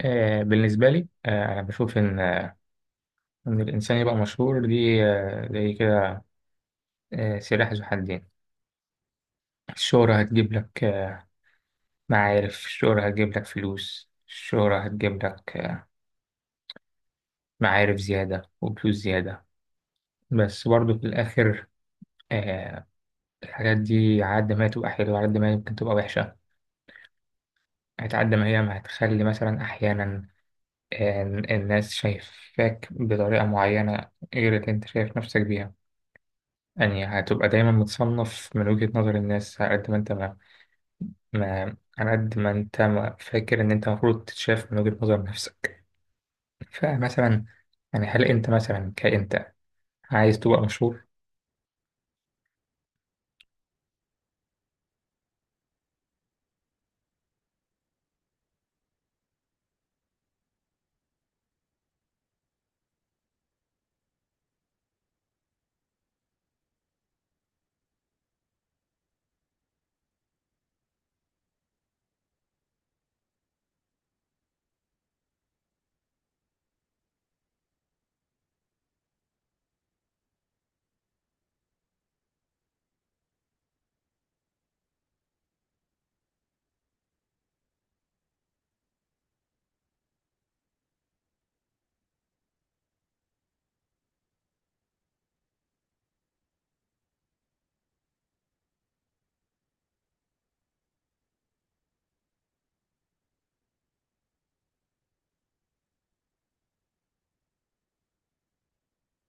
بالنسبة لي أنا بشوف إن الإنسان يبقى مشهور دي، زي كده، سلاح ذو حدين. الشهرة هتجيب لك معارف، الشهرة هتجيب لك فلوس، الشهرة هتجيب لك معارف زيادة وفلوس زيادة. بس برضو في الآخر آه، الحاجات دي على قد ما هي تبقى حلوة على قد ما هي ممكن تبقى وحشة. هتعد ما هي ما هتخلي مثلا أحيانا الناس شايفاك بطريقة معينة غير اللي أنت شايف نفسك بيها. يعني هتبقى دايما متصنف من وجهة نظر الناس على قد ما انت ما فاكر ان انت المفروض تتشاف من وجهة نظر نفسك. فمثلا، يعني هل انت مثلا كأنت عايز تبقى مشهور؟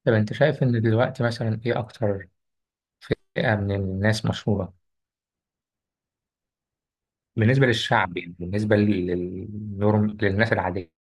طب انت شايف ان دلوقتي مثلا ايه اكتر فئة من الناس مشهورة بالنسبة للشعب؟ يعني بالنسبة للنورم، للناس العادية.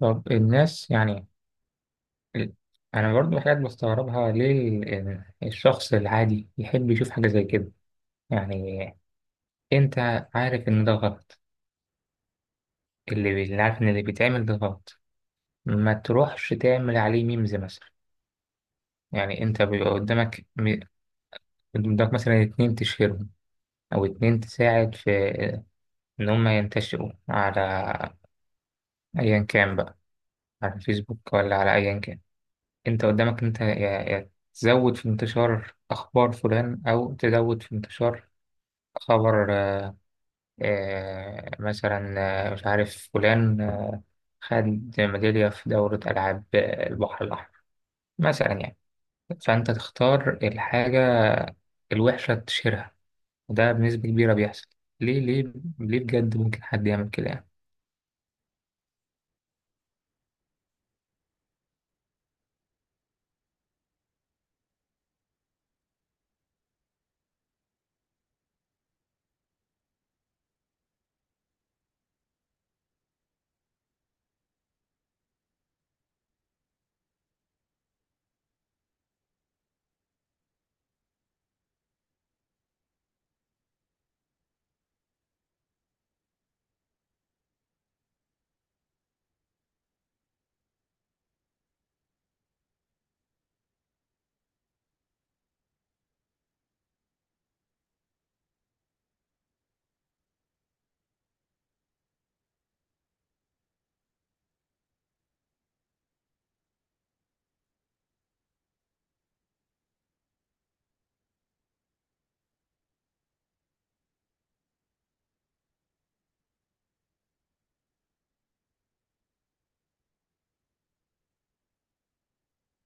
طب الناس يعني، ال- انا برضو حاجات بستغربها، ليه الشخص العادي يحب يشوف حاجة زي كده؟ يعني انت عارف ان ده غلط، اللي عارف ان اللي بيتعمل ده غلط ما تروحش تعمل عليه ميمز مثلا. يعني انت بيبقى قدامك قدامك مثلا اتنين تشهرهم او اتنين تساعد في ان هم ينتشروا على ايا كان بقى، على الفيسبوك ولا على ايا كان. انت قدامك، انت يا تزود في انتشار اخبار فلان او تزود في انتشار خبر مثلا، مش عارف فلان خد ميدالية في دورة ألعاب البحر الأحمر مثلا يعني. فأنت تختار الحاجة الوحشة تشيرها، وده بنسبة كبيرة بيحصل. ليه ليه ليه بجد ممكن حد يعمل كده يعني؟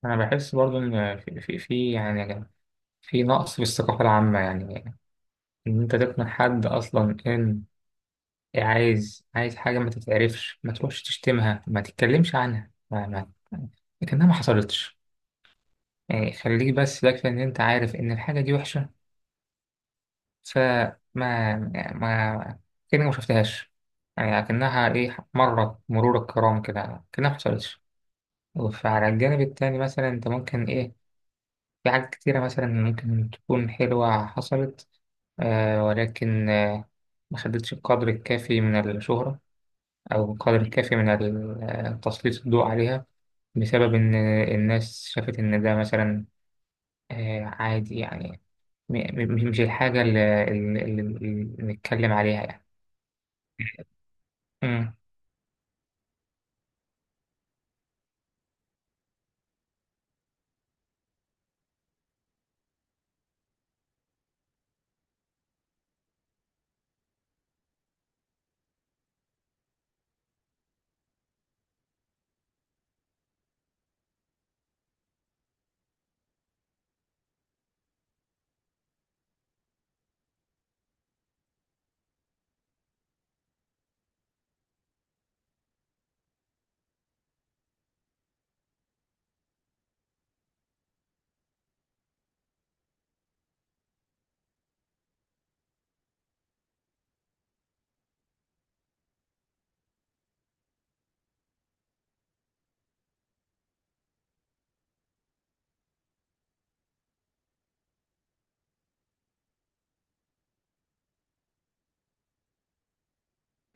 أنا بحس برضو إن في، يعني يا جماعة، في نقص في الثقافة العامة. يعني إن أنت تقنع حد أصلا إن عايز حاجة ما تتعرفش ما تروحش تشتمها، ما تتكلمش عنها، ما ما لكنها ما حصلتش. يعني خليك بس، يكفي ان انت عارف ان الحاجة دي وحشة. فما ما كأنك ما شفتهاش. يعني لكنها ايه، مرة مرور الكرام كده كأنها ما حصلتش. فعلى الجانب التاني مثلا انت ممكن ايه، في حاجات كتيرة مثلا ممكن تكون حلوة حصلت ولكن ما خدتش القدر الكافي من الشهرة أو القدر الكافي من تسليط الضوء عليها، بسبب إن الناس شافت إن ده مثلا عادي يعني. مش الحاجة اللي نتكلم عليها يعني. مم.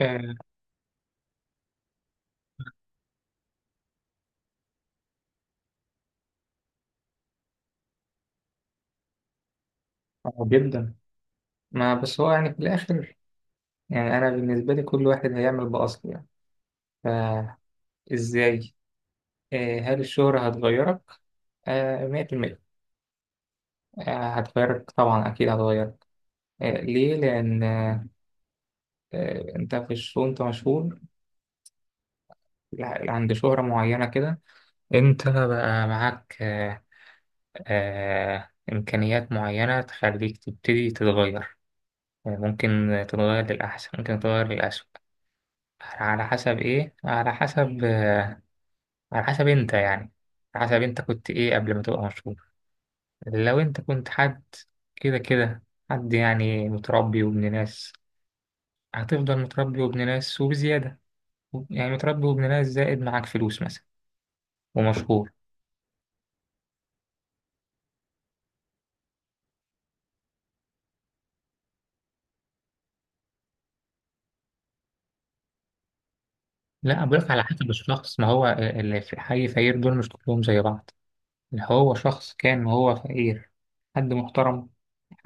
آه، آه، جدا. ما بس هو يعني في الآخر، يعني أنا بالنسبة لي كل واحد هيعمل بأصله يعني. فإزاي، هل الشهرة هتغيرك؟ آه، 100%. هتغيرك طبعا، أكيد هتغيرك. ليه؟ لأن أنت في الشو، أنت مشهور عند شهرة معينة كده. أنت بقى معاك إمكانيات معينة تخليك تبتدي تتغير. ممكن تتغير للأحسن، ممكن تتغير للأسوأ. على حسب إيه؟ على حسب، على حسب أنت يعني، على حسب أنت كنت إيه قبل ما تبقى مشهور. لو أنت كنت حد كده كده، حد يعني متربي وابن ناس، هتفضل متربي وابن ناس وبزيادة. يعني متربي وابن ناس زائد معاك فلوس مثلا ومشهور. لا، بقولك على حسب الشخص، ما هو اللي في الحي فقير دول مش كلهم زي بعض. اللي هو شخص كان وهو فقير، حد محترم،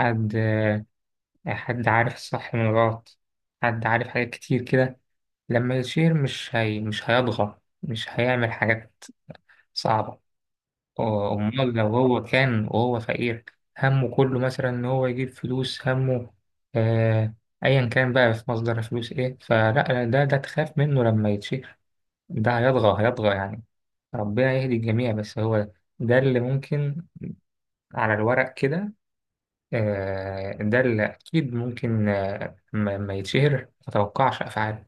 حد، حد عارف الصح من الغلط، حد عارف حاجات كتير كده، لما يشير مش هي، مش هيضغط، مش هيعمل حاجات صعبة. أمال لو هو كان وهو فقير همه كله مثلا إن هو يجيب فلوس، همه آه أيا كان بقى في مصدر فلوس إيه، فلا، ده تخاف منه لما يتشير. ده هيطغى، هيطغى يعني. ربنا يهدي الجميع. بس هو ده اللي ممكن، على الورق كده. ده اللي أكيد ممكن، ما يتشهر متوقعش أفعاله.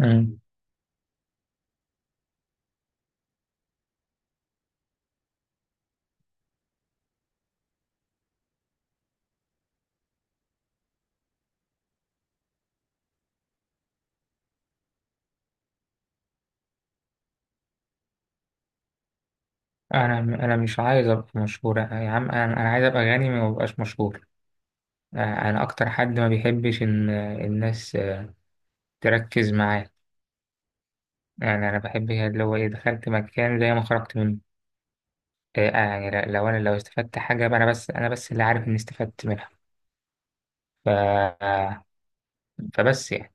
امم. أنا مش عايز أبقى مشهور، يا عم، أنا عايز أبقى غني، ما ببقاش مشهور. آه، أنا أكتر حد ما بيحبش إن الناس تركز معاه. يعني أنا بحب هي اللي هو إيه، دخلت مكان زي ما خرجت منه. يعني لو أنا لو استفدت حاجة يبقى أنا بس، اللي عارف إني استفدت منها. ف... آه، فبس يعني.